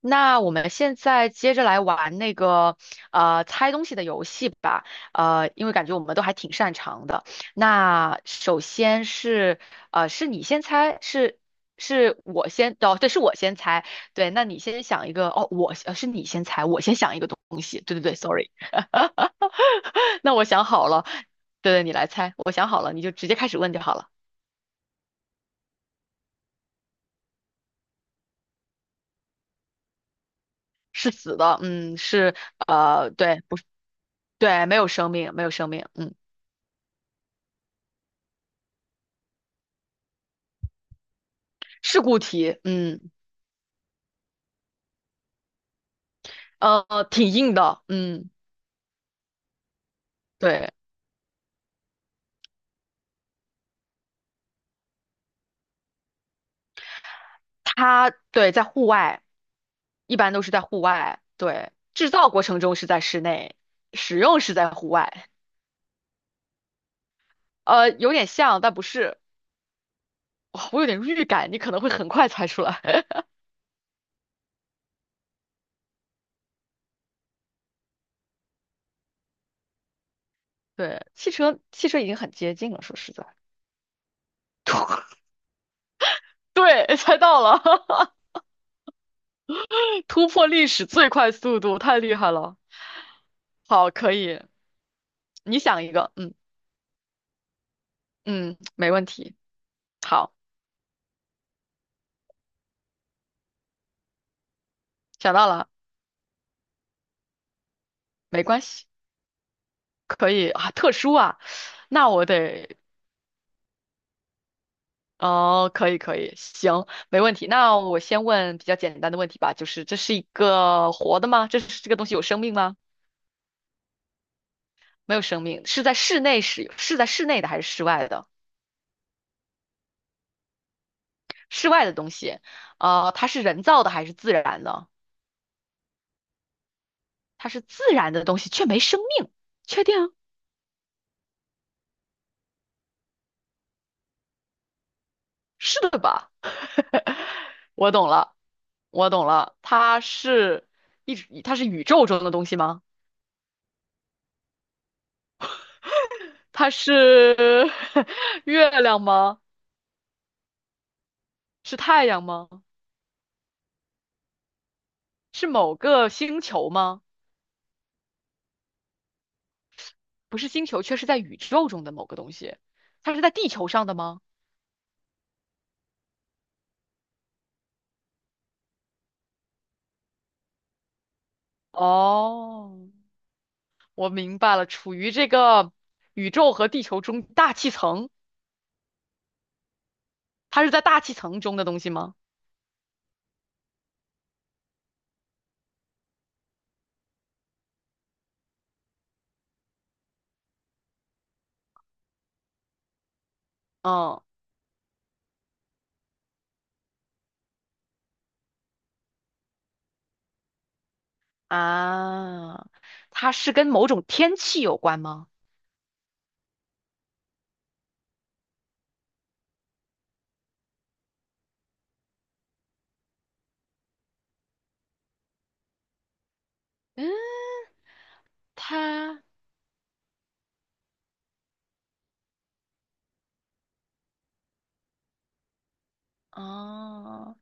那我们现在接着来玩那个猜东西的游戏吧。因为感觉我们都还挺擅长的。那首先是是你先猜，是是我先哦，对，是我先猜，对，那你先想一个哦，我呃是你先猜，我先想一个东西，对对对，sorry,那我想好了。对对，你来猜，我想好了，你就直接开始问就好了。是死的，嗯，是呃对，不是对，没有生命，没有生命，嗯。事故题，嗯。挺硬的，嗯，对，它在户外，一般都是在户外，对，制造过程中是在室内，使用是在户外。有点像，但不是。哇我有点预感，你可能会很快猜出来。对，汽车，汽车已经很接近了，说实在。对，猜到了。突破历史最快速度，太厉害了。好，可以，你想一个，嗯嗯，没问题。想到了，没关系。可以啊，特殊啊，那我得哦，可以可以，行，没问题。那我先问比较简单的问题吧，就是这是一个活的吗？这是这个东西有生命吗？没有生命，是在室内使，是在室内的还是室外的？室外的东西。啊，它是人造的还是自然的？它是自然的东西，却没生命，确定啊？是的吧？我懂了，我懂了，它是它是宇宙中的东西吗？它是 月亮吗？是太阳吗？是某个星球吗？不是星球，却是在宇宙中的某个东西。它是在地球上的吗？哦，我明白了，处于这个宇宙和地球中大气层，它是在大气层中的东西吗？嗯啊，它是跟某种天气有关吗？嗯，它啊。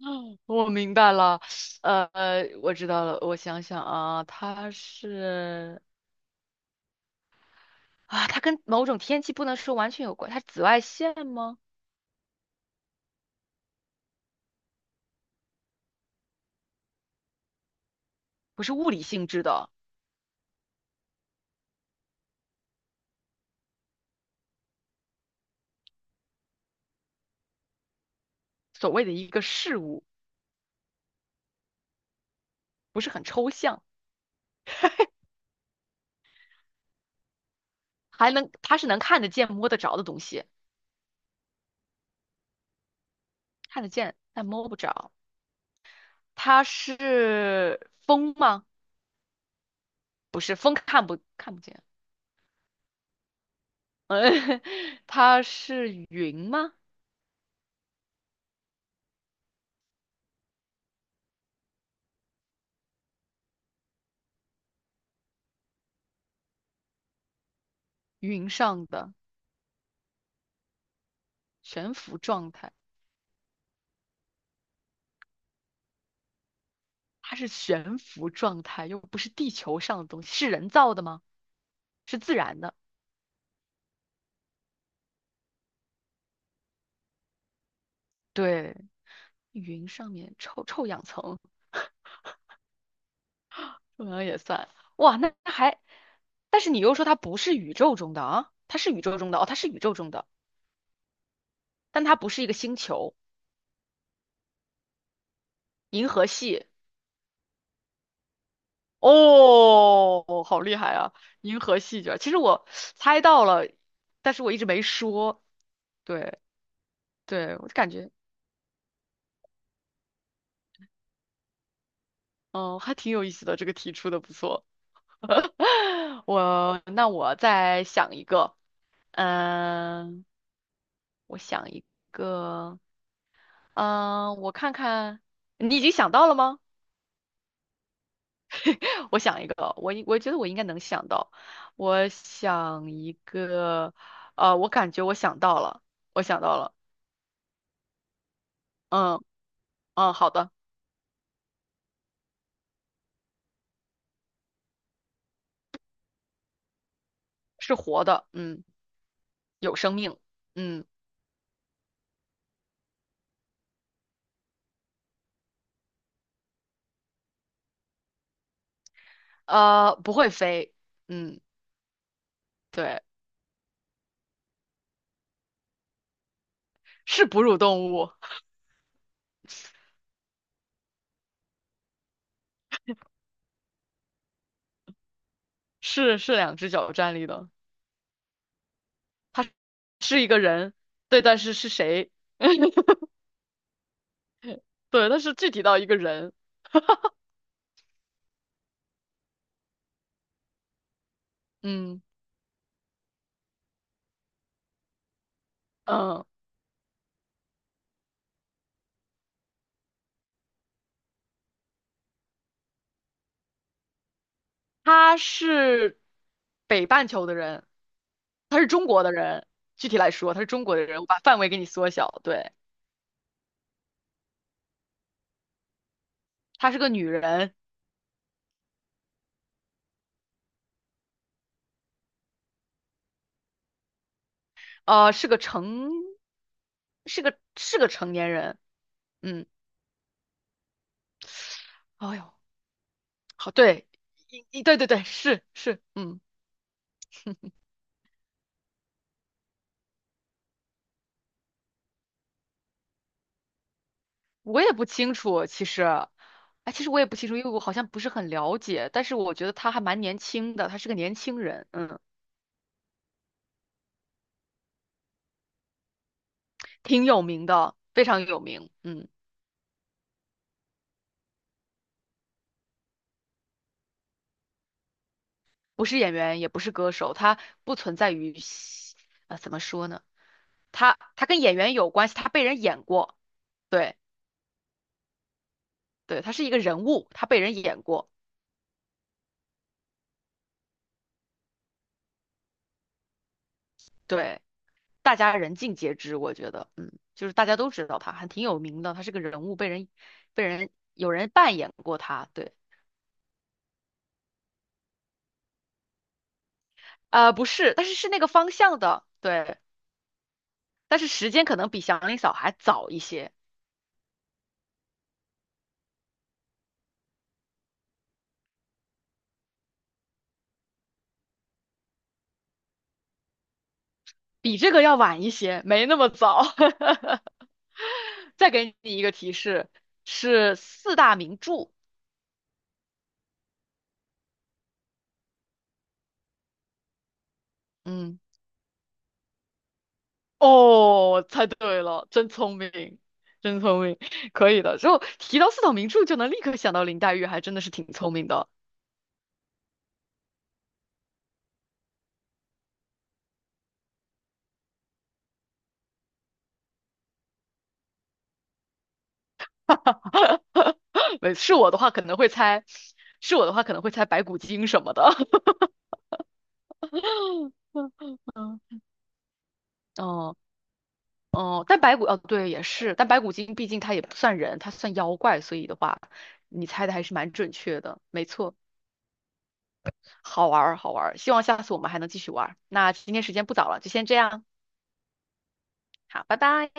嗯我明白了。呃，我知道了，我想想啊，啊，它跟某种天气不能说完全有关，它是紫外线吗？不是物理性质的。所谓的一个事物，不是很抽象。它是能看得见、摸得着的东西，看得见但摸不着。它是风吗？不是，风看不见。嗯，它是云吗？云上的悬浮状态，它是悬浮状态，又不是地球上的东西，是人造的吗？是自然的，对。云上面臭氧层，臭氧也算。哇，那那还，但是你又说它不是宇宙中的啊，它是宇宙中的哦，它是宇宙中的，但它不是一个星球，银河系。哦，好厉害啊！银河系卷，其实我猜到了，但是我一直没说。对对，我就感觉，嗯，还挺有意思的，这个题出的不错。我那我再想一个。嗯，我想一个。嗯，我看看，你已经想到了吗？我想一个，我觉得我应该能想到。我想一个。我感觉我想到了，我想到了。嗯嗯，好的。是活的，嗯，有生命，嗯。不会飞，嗯，对。是哺乳动物。是两只脚站立的。是一个人，对，但是是谁？对，但是具体到一个人，嗯嗯。她是北半球的人，具体来说，她是中国的人。我把范围给你缩小，对。她是个女人。呃，是个成，是个成年人，嗯。哎呦，好，对，一对对对，是是，嗯。我也不清楚，其实。哎，其实我也不清楚，因为我好像不是很了解，但是我觉得她还蛮年轻的，她是个年轻人，嗯。挺有名的，非常有名，嗯。不是演员，也不是歌手，他不存在于戏，怎么说呢？他跟演员有关系，他被人演过。对对，他是一个人物，他被人演过，对。大家人尽皆知，我觉得，嗯，就是大家都知道他，还挺有名的，他是个人物，被人有人扮演过他，对。不是，但是是那个方向的，对。但是时间可能比祥林嫂还早一些。比这个要晚一些，没那么早。再给你一个提示，是四大名著。嗯，哦，猜对了，真聪明，真聪明，可以的。之后提到四大名著，就能立刻想到林黛玉，还真的是挺聪明的。没，是我的话可能会猜，是我的话可能会猜白骨精什么的。嗯，哦哦，但白骨对也是，但白骨精毕竟它也不算人，它算妖怪，所以的话，你猜的还是蛮准确的，没错。好玩儿，好玩儿。希望下次我们还能继续玩儿。那今天时间不早了，就先这样。好，拜拜。